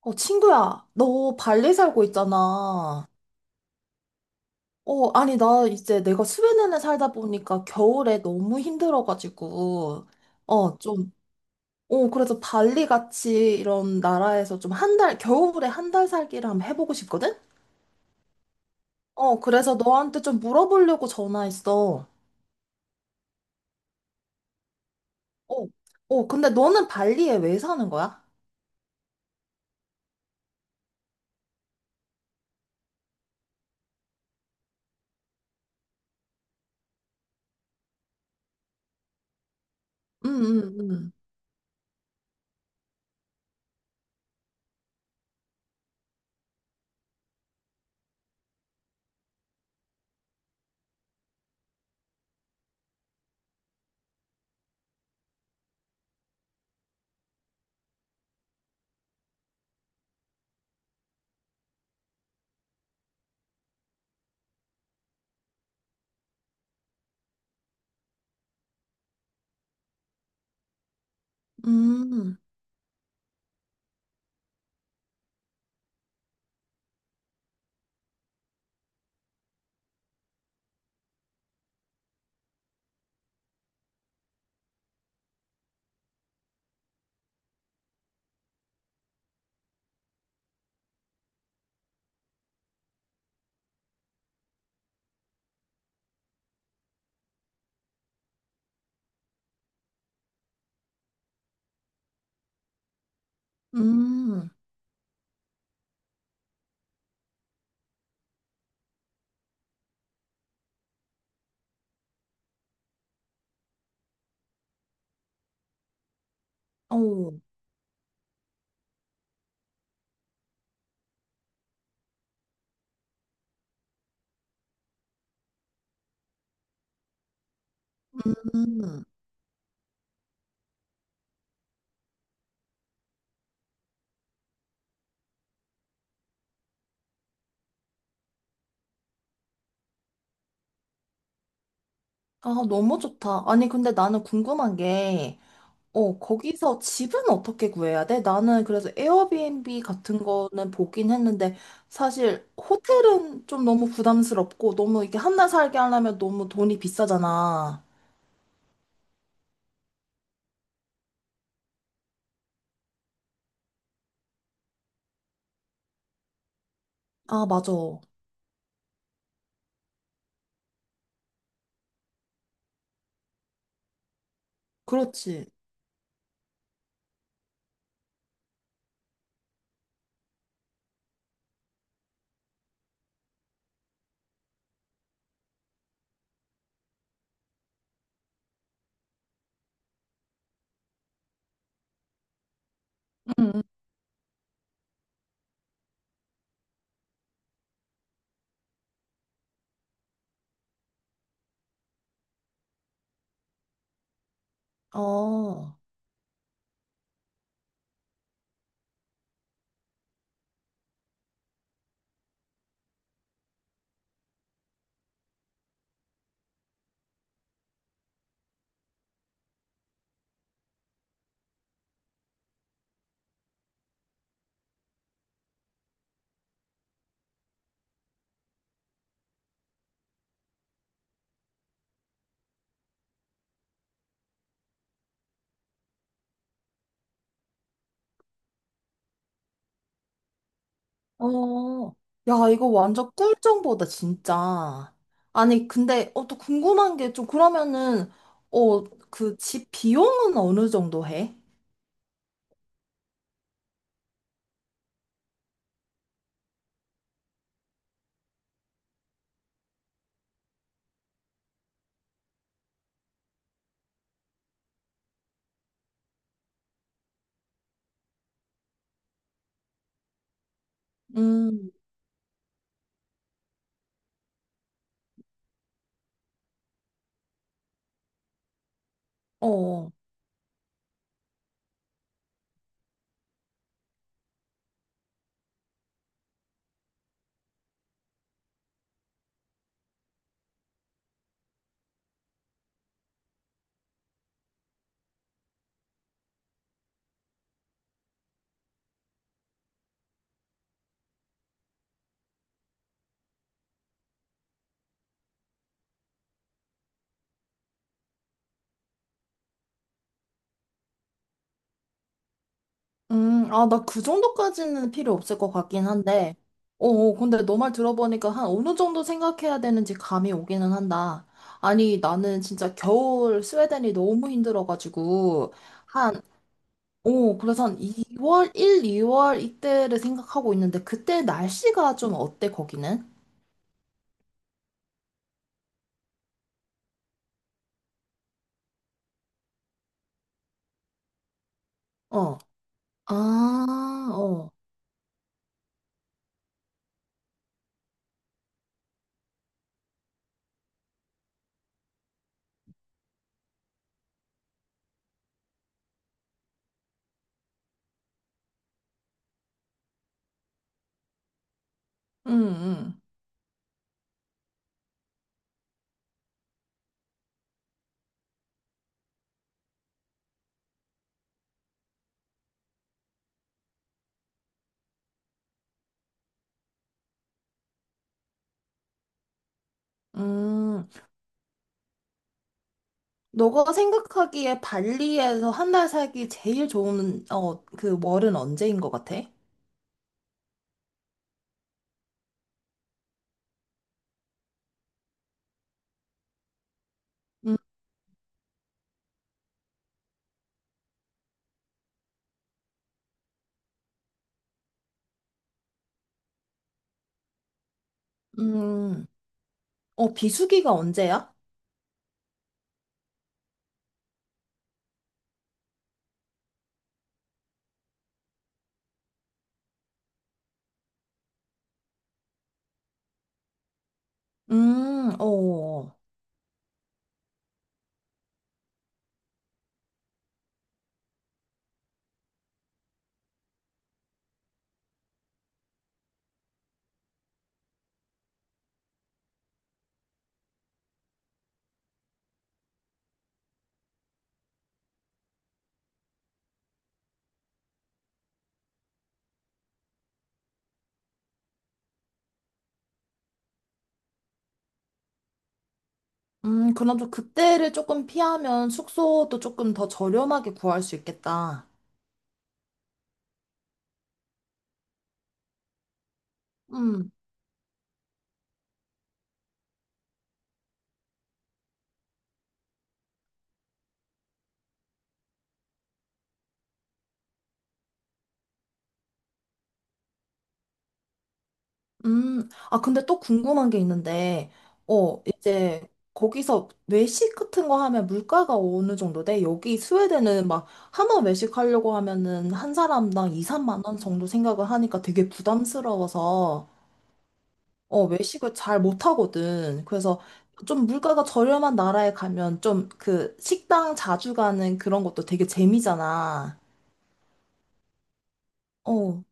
친구야, 너 발리 살고 있잖아. 아니, 나 이제 내가 스웨덴에 살다 보니까 겨울에 너무 힘들어가지고, 좀, 그래서 발리 같이 이런 나라에서 좀 한 달, 겨울에 한 달 살기를 한번 해보고 싶거든? 그래서 너한테 좀 물어보려고 전화했어. 어, 근데 너는 발리에 왜 사는 거야? 음, 음, 음, 음, 음, 어, 음. 아, 너무 좋다. 아니, 근데 나는 궁금한 게, 거기서 집은 어떻게 구해야 돼? 나는 그래서 에어비앤비 같은 거는 보긴 했는데 사실 호텔은 좀 너무 부담스럽고 너무 이게 한 달 살게 하려면 너무 돈이 비싸잖아. 아, 맞아. 그렇지. 응, 응. 어, 어. 야, 이거 완전 꿀 정보다, 진짜. 아니, 근데 또 궁금한 게 좀 그러면은 어, 그 집 비용은 어느 정도 해? 음, 어. 아, 나 그 정도까지는 필요 없을 것 같긴 한데. 근데 너 말 들어보니까 한 어느 정도 생각해야 되는지 감이 오기는 한다. 아니, 나는 진짜 겨울 스웨덴이 너무 힘들어가지고, 한, 그래서 한 2월, 1, 2월 이때를 생각하고 있는데, 그때 날씨가 좀 어때, 거기는? 어. 아, 어. 응 응 음, 너가 생각하기에 발리에서 한 달 살기 제일 좋은, 그 월은 언제인 것 같아? 음, 음, 비수기가 언제야? 음, 어, 그럼 좀 그때를 조금 피하면 숙소도 조금 더 저렴하게 구할 수 있겠다. 음, 아, 근데 또 궁금한 게 있는데, 이제 거기서 외식 같은 거 하면 물가가 어느 정도 돼? 여기 스웨덴은 막 한번 외식하려고 하면은 한 사람당 2, 3만 원 정도 생각을 하니까 되게 부담스러워서, 외식을 잘 못하거든. 그래서 좀 물가가 저렴한 나라에 가면 좀 그 식당 자주 가는 그런 것도 되게 재미잖아. 어,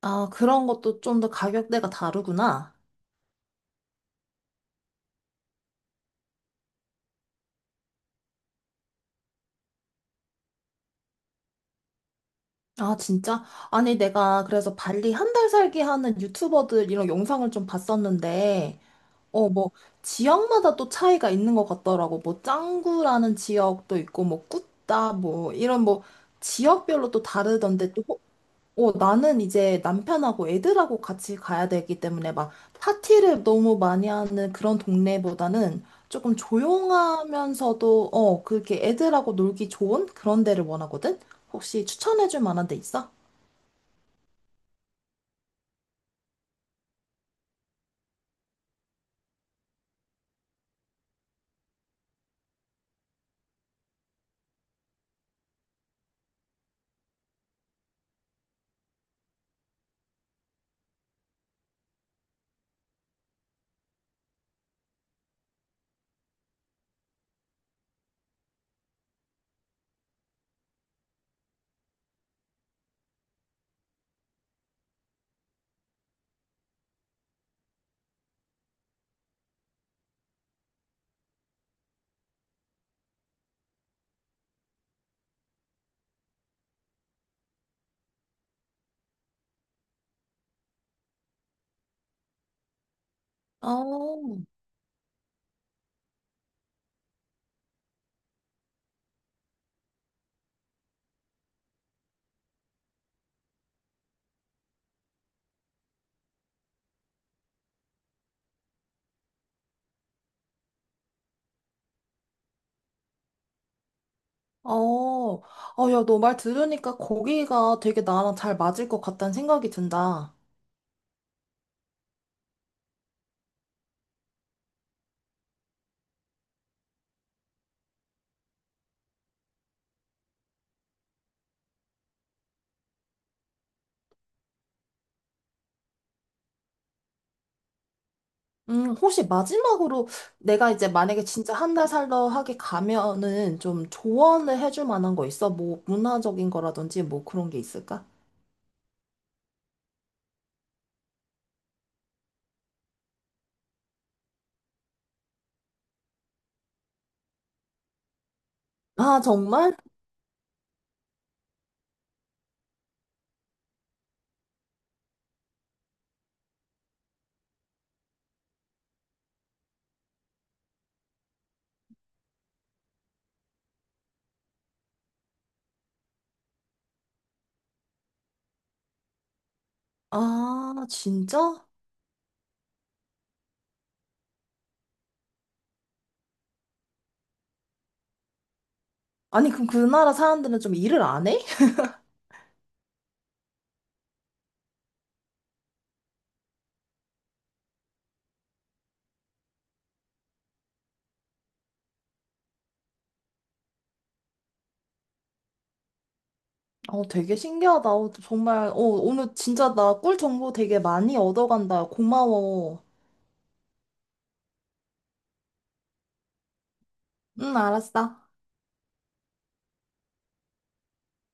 아, 그런 것도 좀 더 가격대가 다르구나. 아, 진짜? 아니, 내가 그래서 발리 한 달 살기 하는 유튜버들 이런 영상을 좀 봤었는데, 뭐, 지역마다 또 차이가 있는 것 같더라고. 뭐, 짱구라는 지역도 있고, 뭐, 꾸따, 뭐, 이런 뭐, 지역별로 또 다르던데, 또 나는 이제 남편하고 애들하고 같이 가야 되기 때문에 막 파티를 너무 많이 하는 그런 동네보다는 조금 조용하면서도 그렇게 애들하고 놀기 좋은 그런 데를 원하거든? 혹시 추천해줄 만한 데 있어? 어, 어, 야, 너 말 들으니까 거기가 되게 나랑 잘 맞을 것 같다는 생각이 든다. 혹시 마지막으로 내가 이제 만약에 진짜 한 달 살러 하게 가면은 좀 조언을 해줄 만한 거 있어? 뭐 문화적인 거라든지 뭐 그런 게 있을까? 아, 정말? 아, 진짜? 아니, 그럼 그 나라 사람들은 좀 일을 안 해? 되게 신기하다. 정말, 오늘 진짜 나 꿀 정보 되게 많이 얻어간다. 고마워. 응, 알았어.